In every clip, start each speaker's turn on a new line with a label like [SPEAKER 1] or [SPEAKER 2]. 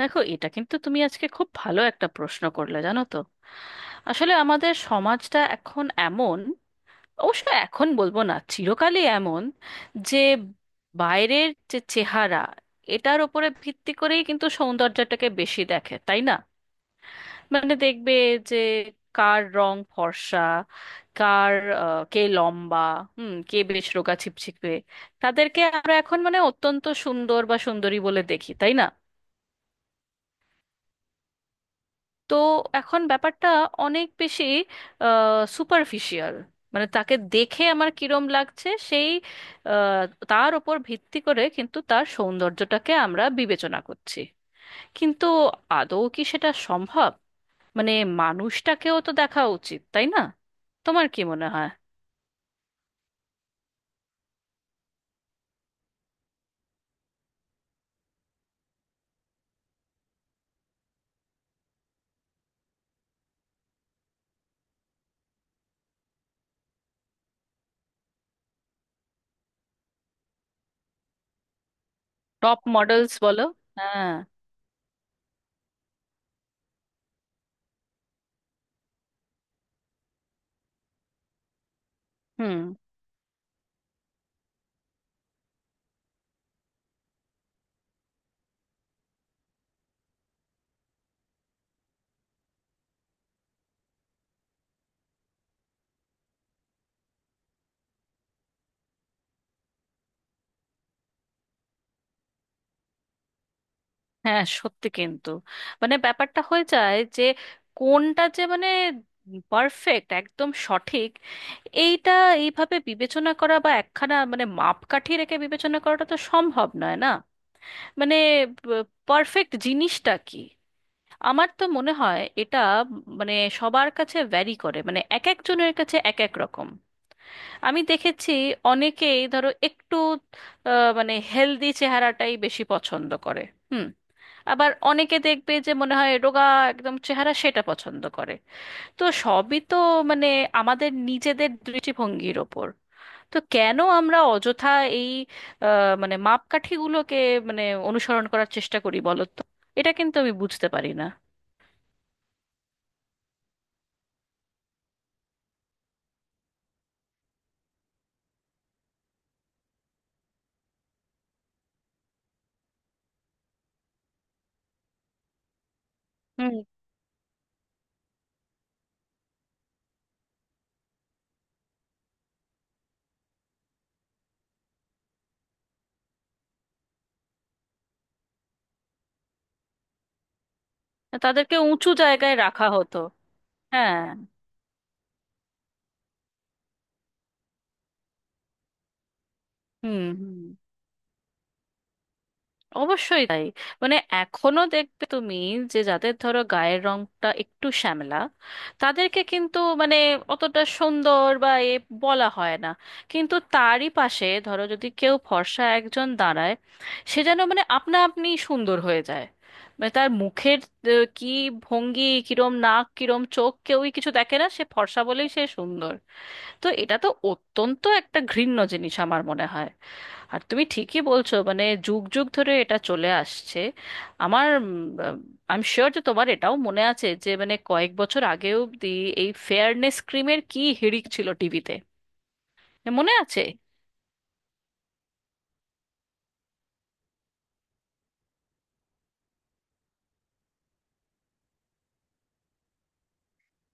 [SPEAKER 1] দেখো, এটা কিন্তু তুমি আজকে খুব ভালো একটা প্রশ্ন করলে, জানো তো। আসলে আমাদের সমাজটা এখন এমন, অবশ্য এখন বলবো না, চিরকালই এমন যে বাইরের যে চেহারা, এটার উপরে ভিত্তি করেই কিন্তু সৌন্দর্যটাকে বেশি দেখে, তাই না? দেখবে যে কার রং ফর্সা, কার কে লম্বা, হুম, কে বেশ রোগা ছিপছিপে, তাদেরকে আমরা এখন অত্যন্ত সুন্দর বা সুন্দরী বলে দেখি, তাই না? তো এখন ব্যাপারটা অনেক বেশি সুপারফিশিয়াল। তাকে দেখে আমার কিরম লাগছে, সেই আহ, তার ওপর ভিত্তি করে কিন্তু তার সৌন্দর্যটাকে আমরা বিবেচনা করছি। কিন্তু আদৌ কি সেটা সম্ভব? মানে মানুষটাকেও তো দেখা উচিত, তাই না? তোমার কি মনে হয়? টপ মডেলস বলো, হ্যাঁ। হুম। হ্যাঁ সত্যি, কিন্তু ব্যাপারটা হয়ে যায় যে কোনটা যে পারফেক্ট, একদম সঠিক, এইটা এইভাবে বিবেচনা করা বা একখানা মাপকাঠি রেখে বিবেচনা করাটা তো সম্ভব নয়, না? মানে পারফেক্ট জিনিসটা কি? আমার তো মনে হয় এটা মানে সবার কাছে ভ্যারি করে, এক একজনের কাছে এক এক রকম। আমি দেখেছি অনেকেই ধরো একটু হেলদি চেহারাটাই বেশি পছন্দ করে। হুম। আবার অনেকে দেখবে যে মনে হয় রোগা একদম চেহারা সেটা পছন্দ করে। তো সবই তো মানে আমাদের নিজেদের দৃষ্টিভঙ্গির ওপর। তো কেন আমরা অযথা এই মাপকাঠিগুলোকে মানে অনুসরণ করার চেষ্টা করি বলো তো? এটা কিন্তু আমি বুঝতে পারি না। হুম। তাদেরকে উঁচু জায়গায় রাখা হতো। হ্যাঁ। হুম হুম, অবশ্যই তাই। মানে এখনো দেখবে তুমি, যে যাদের ধরো গায়ের রংটা একটু শ্যামলা, তাদেরকে কিন্তু অতটা সুন্দর বা এ বলা হয় না। কিন্তু তারই পাশে ধরো যদি কেউ ফর্সা একজন দাঁড়ায়, সে যেন আপনা আপনি সুন্দর হয়ে যায়। তার মুখের কি ভঙ্গি কিরম, নাক কিরম, চোখ, কেউই কিছু দেখে না, সে ফর্সা বলেই সে সুন্দর। তো এটা তো অত্যন্ত একটা ঘৃণ্য জিনিস আমার মনে হয়। আর তুমি ঠিকই বলছো, যুগ যুগ ধরে এটা চলে আসছে। আমার আই এম শিওর যে তোমার এটাও মনে আছে যে কয়েক বছর আগে অবধি এই ফেয়ারনেস ক্রিমের কি হিড়িক ছিল টিভিতে, মনে আছে?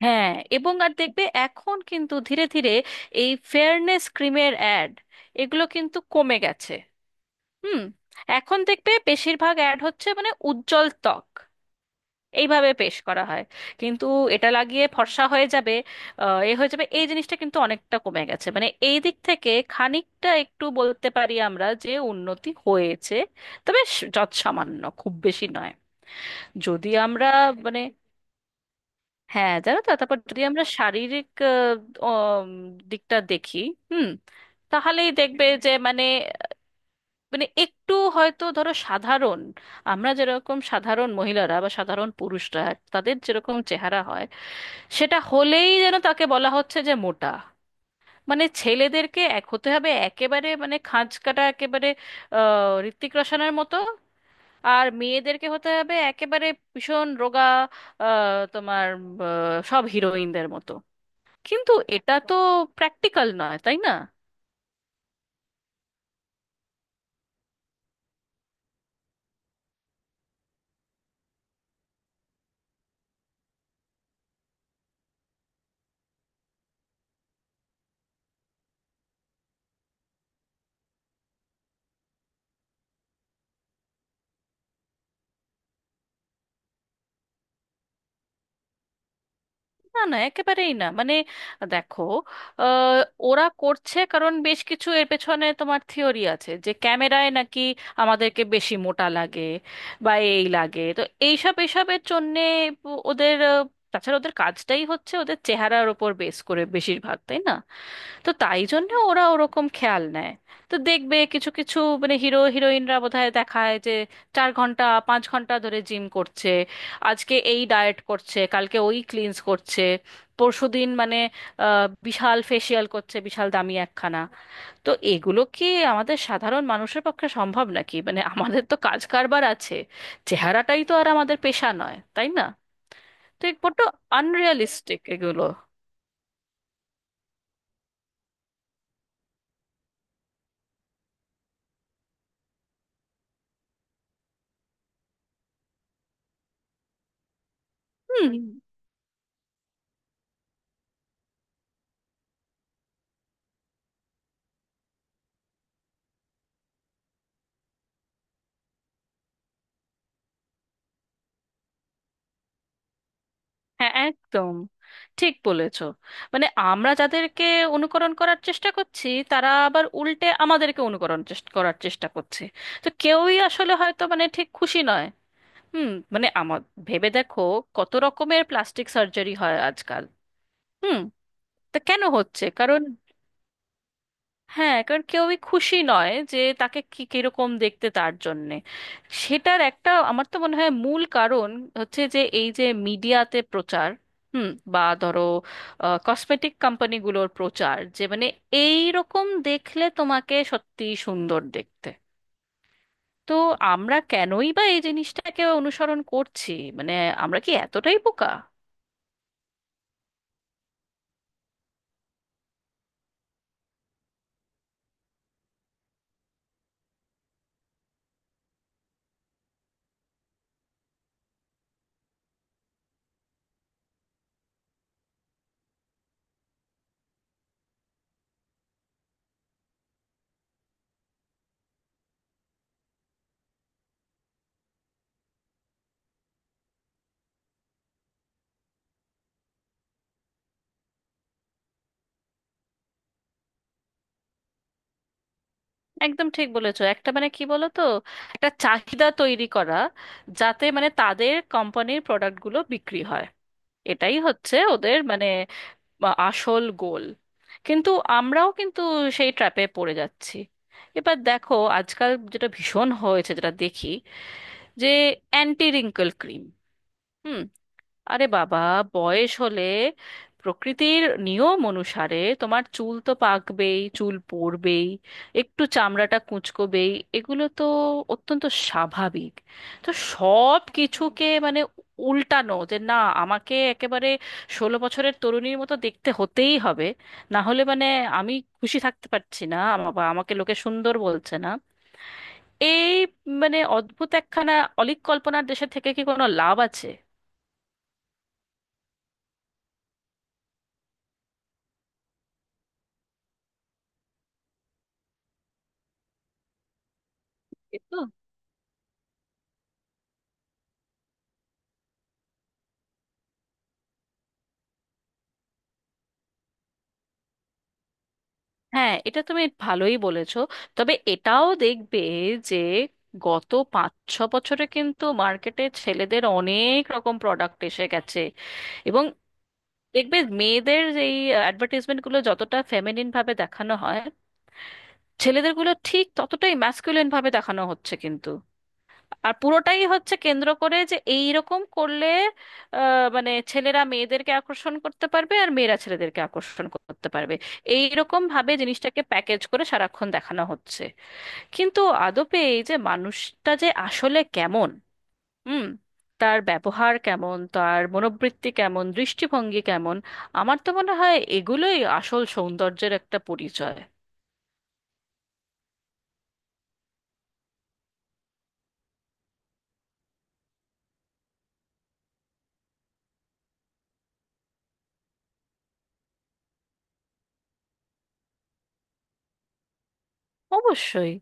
[SPEAKER 1] হ্যাঁ। এবং আর দেখবে এখন কিন্তু ধীরে ধীরে এই ফেয়ারনেস ক্রিমের অ্যাড, এগুলো কিন্তু কমে গেছে। হুম। এখন দেখবে বেশিরভাগ অ্যাড হচ্ছে উজ্জ্বল ত্বক এইভাবে পেশ করা হয়। কিন্তু এটা লাগিয়ে ফর্সা হয়ে যাবে, এ হয়ে যাবে, এই জিনিসটা কিন্তু অনেকটা কমে গেছে। এই দিক থেকে খানিকটা একটু বলতে পারি আমরা যে উন্নতি হয়েছে, তবে যৎসামান্য, খুব বেশি নয়। যদি আমরা মানে হ্যাঁ জানো তো, তারপর যদি আমরা শারীরিক উম, দিকটা দেখি, হুম, তাহলেই দেখবে যে মানে মানে একটু হয়তো ধরো সাধারণ, আমরা যেরকম সাধারণ মহিলারা বা সাধারণ পুরুষরা, তাদের যেরকম চেহারা হয়, সেটা হলেই যেন তাকে বলা হচ্ছে যে মোটা। ছেলেদেরকে এক হতে হবে একেবারে, খাঁজ কাটা একেবারে ঋত্বিক রোশনের মতো। আর মেয়েদেরকে হতে হবে একেবারে ভীষণ রোগা, আহ, তোমার সব হিরোইনদের মতো। কিন্তু এটা তো প্র্যাকটিক্যাল নয়, তাই না? না না, একেবারেই না। দেখো, আহ, ওরা করছে কারণ বেশ কিছু এর পেছনে তোমার থিওরি আছে যে ক্যামেরায় নাকি আমাদেরকে বেশি মোটা লাগে বা এই লাগে, তো এইসব এসবের জন্যে ওদের তাছাড়া ওদের কাজটাই হচ্ছে ওদের চেহারার ওপর বেস করে বেশিরভাগ, তাই না? তো তাই জন্য ওরা ওরকম খেয়াল নেয়। তো দেখবে কিছু কিছু হিরো হিরোইনরা বোধহয় দেখায় যে 4 ঘন্টা 5 ঘন্টা ধরে জিম করছে, আজকে এই ডায়েট করছে, কালকে ওই ক্লিনস করছে, পরশুদিন বিশাল ফেসিয়াল করছে, বিশাল দামি একখানা। তো এগুলো কি আমাদের সাধারণ মানুষের পক্ষে সম্ভব নাকি? আমাদের তো কাজ কারবার আছে, চেহারাটাই তো আর আমাদের পেশা নয়, তাই না? তো এক বড্ড আনরিয়ালিস্টিক এগুলো। হুম। হ্যাঁ একদম ঠিক বলেছো। আমরা যাদেরকে অনুকরণ করার চেষ্টা করছি, তারা আবার উল্টে আমাদেরকে অনুকরণ চেষ্টা করার চেষ্টা করছে। তো কেউই আসলে হয়তো ঠিক খুশি নয়। হুম। মানে আমার ভেবে দেখো কত রকমের প্লাস্টিক সার্জারি হয় আজকাল। হুম। তা কেন হচ্ছে? কারণ, হ্যাঁ কারণ কেউই খুশি নয় যে তাকে কি কিরকম দেখতে, তার জন্যে। সেটার একটা আমার তো মনে হয় মূল কারণ হচ্ছে যে এই যে মিডিয়াতে প্রচার, হুম, বা ধরো কসমেটিক কোম্পানিগুলোর প্রচার যে এই রকম দেখলে তোমাকে সত্যি সুন্দর দেখতে। তো আমরা কেনই বা এই জিনিসটাকে অনুসরণ করছি? মানে আমরা কি এতটাই বোকা? একদম ঠিক বলেছো। একটা কি বলো তো, একটা চাহিদা তৈরি করা যাতে তাদের কোম্পানির প্রোডাক্টগুলো বিক্রি হয়। এটাই হচ্ছে ওদের আসল গোল। কিন্তু আমরাও কিন্তু সেই ট্র্যাপে পড়ে যাচ্ছি। এবার দেখো আজকাল যেটা ভীষণ হয়েছে যেটা দেখি, যে অ্যান্টি রিঙ্কল ক্রিম। আরে বাবা, বয়স হলে প্রকৃতির নিয়ম অনুসারে তোমার চুল তো পাকবেই, চুল পড়বেই, একটু চামড়াটা কুঁচকোবেই। এগুলো তো অত্যন্ত স্বাভাবিক। তো সব কিছুকে উল্টানো, যে না, আমাকে একেবারে 16 বছরের তরুণীর মতো দেখতে হতেই হবে, না হলে আমি খুশি থাকতে পারছি না, বা আমাকে লোকে সুন্দর বলছে না, এই অদ্ভুত একখানা অলীক কল্পনার দেশে থেকে কি কোনো লাভ আছে? এ তো, হ্যাঁ এটা তুমি ভালোই বলেছো। তবে এটাও দেখবে যে গত 5-6 বছরে কিন্তু মার্কেটে ছেলেদের অনেক রকম প্রোডাক্ট এসে গেছে। এবং দেখবে মেয়েদের এই অ্যাডভার্টাইজমেন্ট গুলো যতটা ফেমিনিন ভাবে দেখানো হয়, ছেলেদের গুলো ঠিক ততটাই ম্যাস্কুলিন ভাবে দেখানো হচ্ছে কিন্তু। আর পুরোটাই হচ্ছে কেন্দ্র করে যে এই রকম করলে আহ, মানে ছেলেরা মেয়েদেরকে আকর্ষণ করতে পারবে আর মেয়েরা ছেলেদেরকে আকর্ষণ করতে পারবে। এই রকম ভাবে জিনিসটাকে প্যাকেজ করে সারাক্ষণ দেখানো হচ্ছে। কিন্তু আদপে এই যে মানুষটা যে আসলে কেমন, হুম, তার ব্যবহার কেমন, তার মনোবৃত্তি কেমন, দৃষ্টিভঙ্গি কেমন, আমার তো মনে হয় এগুলোই আসল সৌন্দর্যের একটা পরিচয়। অবশ্যই।